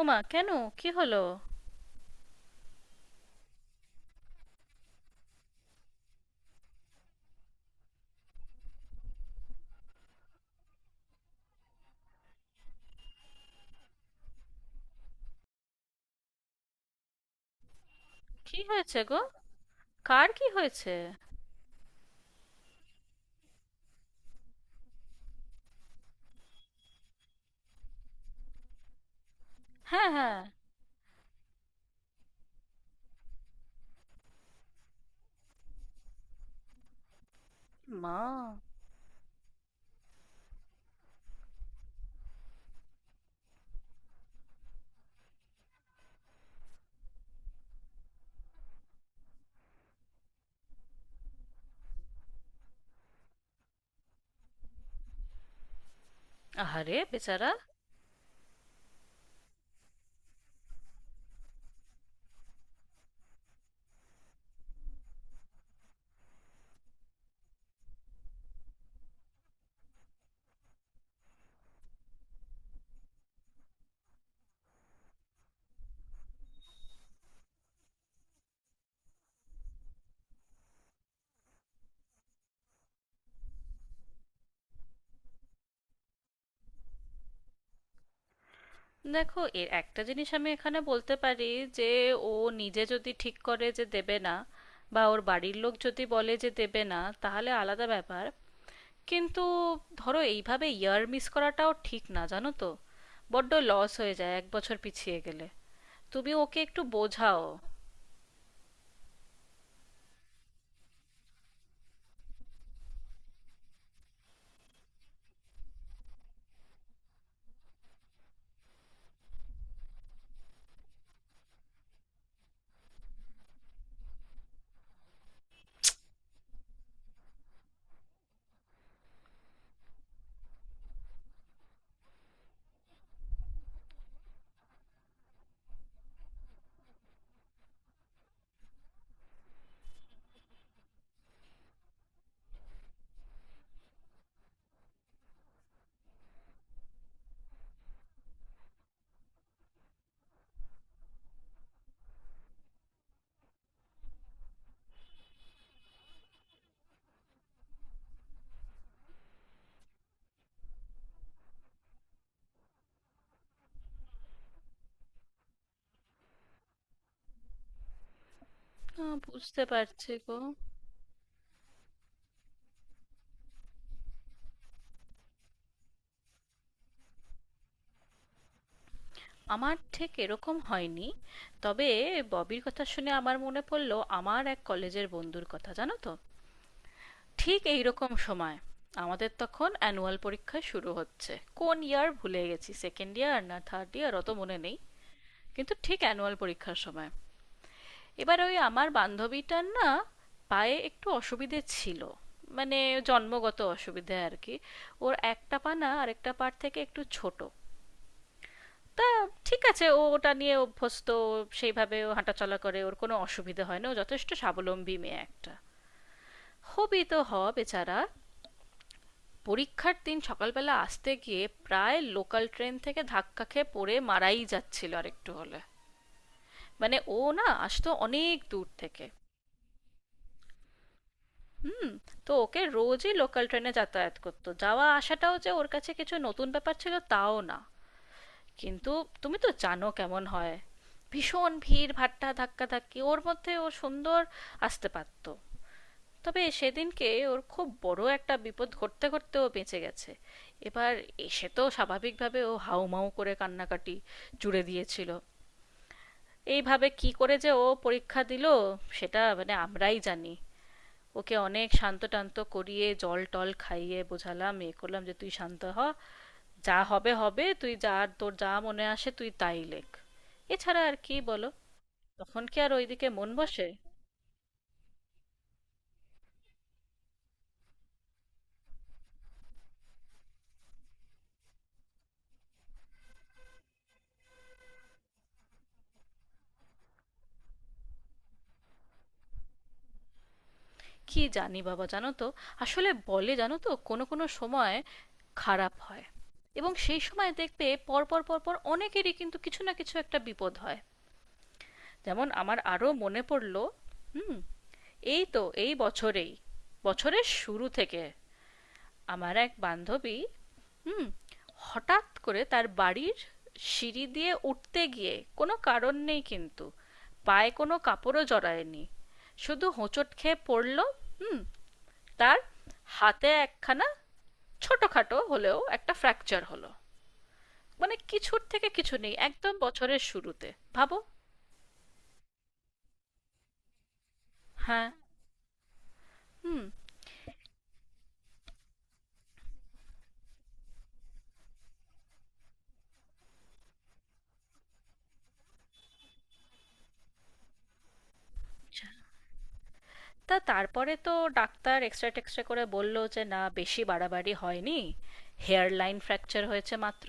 ওমা, কেন? কি হলো? কি হয়েছে গো? কার কি হয়েছে? হ্যাঁ, হ্যাঁ। মা! আহারে বেচারা। দেখো, এর একটা জিনিস আমি এখানে বলতে পারি যে ও নিজে যদি ঠিক করে যে দেবে না, বা ওর বাড়ির লোক যদি বলে যে দেবে না, তাহলে আলাদা ব্যাপার। কিন্তু ধরো, এইভাবে ইয়ার মিস করাটাও ঠিক না, জানো তো। বড্ড লস হয়ে যায় এক বছর পিছিয়ে গেলে। তুমি ওকে একটু বোঝাও। বুঝতে পারছি গো। আমার ঠিক এরকম হয়নি, তবে ববির কথা শুনে আমার মনে পড়লো আমার এক কলেজের বন্ধুর কথা, জানো তো। ঠিক এই রকম সময় আমাদের তখন অ্যানুয়াল পরীক্ষা শুরু হচ্ছে। কোন ইয়ার ভুলে গেছি, সেকেন্ড ইয়ার না থার্ড ইয়ার, অত মনে নেই। কিন্তু ঠিক অ্যানুয়াল পরীক্ষার সময়, এবার ওই আমার বান্ধবীটার না, পায়ে একটু অসুবিধে ছিল। মানে জন্মগত অসুবিধে আর কি। ওর একটা পা না আরেকটা পার থেকে একটু ছোট। তা ঠিক আছে, ও ওটা নিয়ে অভ্যস্ত। ও সেইভাবে ও হাঁটাচলা করে, ওর কোনো অসুবিধা হয় না, ও যথেষ্ট স্বাবলম্বী মেয়ে একটা। হবি তো হ, বেচারা পরীক্ষার দিন সকালবেলা আসতে গিয়ে প্রায় লোকাল ট্রেন থেকে ধাক্কা খেয়ে পড়ে মারাই যাচ্ছিল আর একটু হলে। মানে ও না আসতো অনেক দূর থেকে। হুম। তো ওকে রোজই লোকাল ট্রেনে যাতায়াত করতো, যাওয়া আসাটাও যে ওর কাছে কিছু নতুন ব্যাপার ছিল তাও না। কিন্তু তুমি তো জানো কেমন হয়, ভীষণ ভিড় ভাট্টা ধাক্কা ধাক্কি। ওর মধ্যে ও সুন্দর আসতে পারতো। তবে সেদিনকে ওর খুব বড় একটা বিপদ ঘটতে ঘটতে ও বেঁচে গেছে। এবার এসে তো স্বাভাবিকভাবে ও হাউমাউ করে কান্নাকাটি জুড়ে দিয়েছিল। এইভাবে কি করে যে ও পরীক্ষা দিল সেটা মানে আমরাই জানি। ওকে অনেক শান্ত টান্ত করিয়ে, জল টল খাইয়ে বোঝালাম, এ করলাম যে তুই শান্ত হ, যা হবে হবে, তুই যা, আর তোর যা মনে আসে তুই তাই লেখ। এছাড়া আর কি বলো, তখন কি আর ওইদিকে মন বসে? কি জানি বাবা, জানো তো, আসলে বলে জানো তো কোনো কোনো সময় খারাপ হয়, এবং সেই সময় দেখবে পরপর পরপর অনেকেরই কিন্তু কিছু না কিছু একটা বিপদ হয়। যেমন আমার আরও মনে পড়লো। হুম। এই তো এই বছরেই, বছরের শুরু থেকে আমার এক বান্ধবী, হুম, হঠাৎ করে তার বাড়ির সিঁড়ি দিয়ে উঠতে গিয়ে, কোনো কারণ নেই, কিন্তু পায়ে কোনো কাপড়ও জড়ায়নি, শুধু হোঁচট খেয়ে পড়ল। হুম। তার হাতে একখানা ছোটোখাটো হলেও একটা ফ্র্যাকচার হলো। মানে কিছুর থেকে কিছু নেই, একদম বছরের শুরুতে। ভাবো! হ্যাঁ। হুম। তা তারপরে তো ডাক্তার এক্সরে টেক্সরে করে বলল যে না, বেশি বাড়াবাড়ি হয়নি, হেয়ার লাইন ফ্র্যাকচার হয়েছে মাত্র।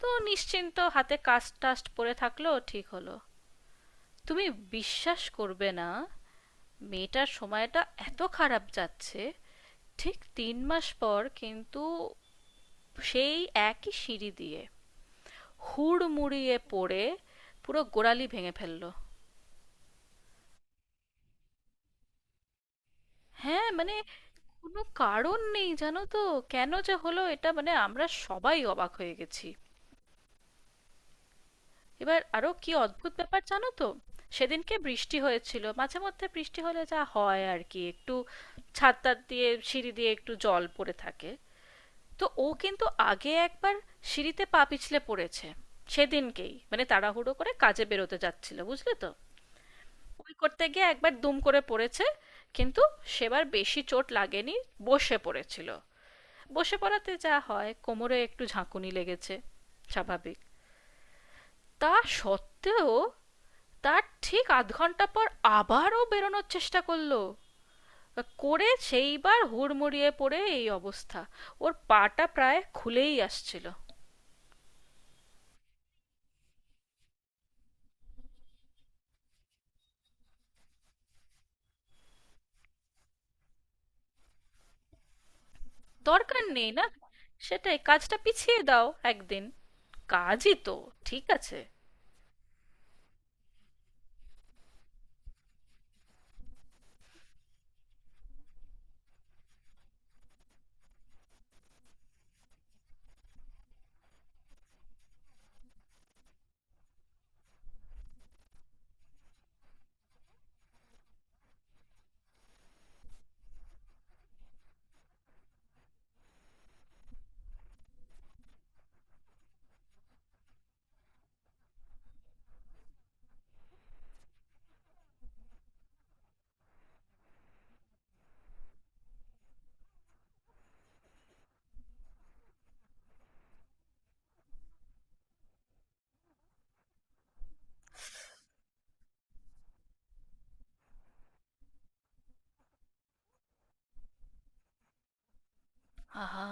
তো নিশ্চিন্ত, হাতে কাস্ট টাস্ট পরে থাকলো, ঠিক হলো। তুমি বিশ্বাস করবে না, মেয়েটার সময়টা এত খারাপ যাচ্ছে, ঠিক তিন মাস পর কিন্তু সেই একই সিঁড়ি দিয়ে হুড়মুড়িয়ে পড়ে পুরো গোড়ালি ভেঙে ফেললো। হ্যাঁ, মানে কোনো কারণ নেই, জানো তো। কেন যে হলো এটা মানে আমরা সবাই অবাক হয়ে গেছি। এবার আরও কি অদ্ভুত ব্যাপার জানো তো, সেদিনকে বৃষ্টি হয়েছিল। মাঝে মধ্যে বৃষ্টি হলে যা হয় আর কি, একটু ছাদ টাদ দিয়ে সিঁড়ি দিয়ে একটু জল পড়ে থাকে। তো ও কিন্তু আগে একবার সিঁড়িতে পা পিছলে পড়েছে। সেদিনকেই মানে তাড়াহুড়ো করে কাজে বেরোতে যাচ্ছিল, বুঝলে তো, ওই করতে গিয়ে একবার দুম করে পড়েছে। কিন্তু সেবার বেশি চোট লাগেনি, বসে পড়েছিল। বসে পড়াতে যা হয়, কোমরে একটু ঝাঁকুনি লেগেছে, স্বাভাবিক। তা সত্ত্বেও তার ঠিক আধ ঘন্টা পর আবারও বেরোনোর চেষ্টা করলো, করে সেইবার হুড়মুড়িয়ে পড়ে এই অবস্থা, ওর পাটা প্রায় খুলেই আসছিল। দরকার নেই না, সেটাই, কাজটা পিছিয়ে দাও একদিন, কাজই তো, ঠিক আছে। আহা!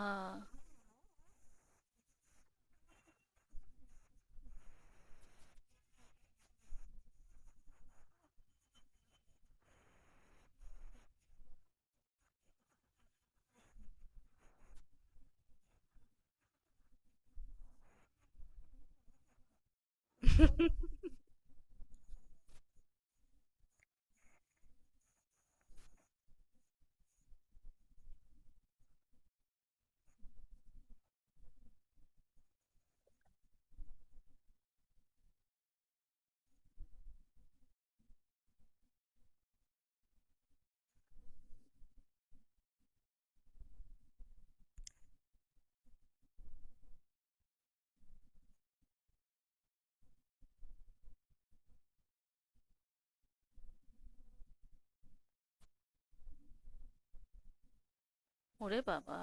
ওরে বাবা!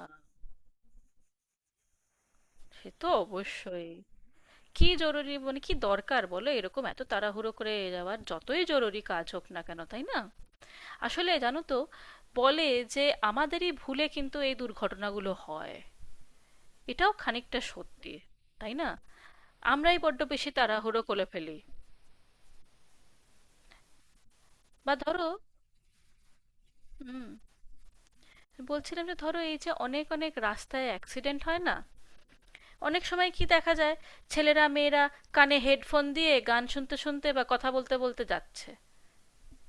সে তো অবশ্যই। কি জরুরি, মানে কি দরকার বলো এরকম এত তাড়াহুড়ো করে যাওয়ার, যতই জরুরি কাজ হোক না কেন, তাই না? আসলে জানো তো, বলে যে আমাদেরই ভুলে কিন্তু এই দুর্ঘটনাগুলো হয়, এটাও খানিকটা সত্যি, তাই না? আমরাই বড্ড বেশি তাড়াহুড়ো করে ফেলি। বা ধরো, হুম, বলছিলাম যে ধরো, এই যে অনেক অনেক রাস্তায় অ্যাক্সিডেন্ট হয় না, অনেক সময় কি দেখা যায়, ছেলেরা মেয়েরা কানে হেডফোন দিয়ে গান শুনতে শুনতে বা কথা বলতে বলতে যাচ্ছে,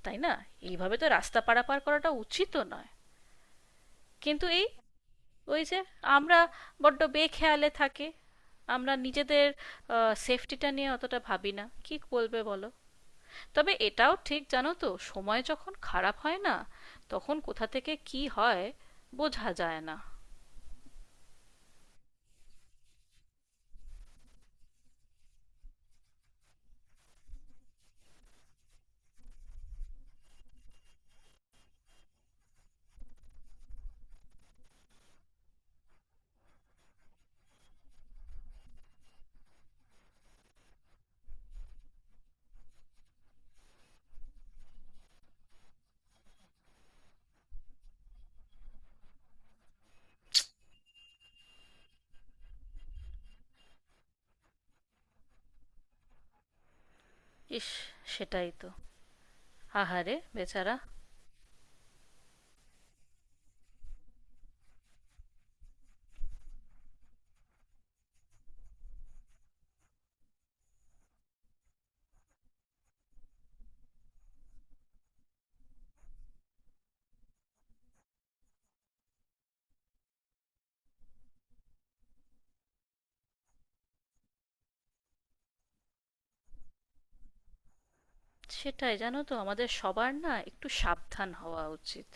তাই না? এইভাবে তো রাস্তা পারাপার করাটা উচিতও নয়। কিন্তু এই, ওই যে, আমরা বড্ড বেখেয়ালে থাকে, আমরা নিজেদের সেফটিটা নিয়ে অতটা ভাবি না, কি বলবে বলো। তবে এটাও ঠিক, জানো তো, সময় যখন খারাপ হয় না, তখন কোথা থেকে কি হয় বোঝা যায় না। ইস! সেটাই তো। আহারে বেচারা। সেটাই, জানো তো, আমাদের সবার না একটু সাবধান হওয়া উচিত।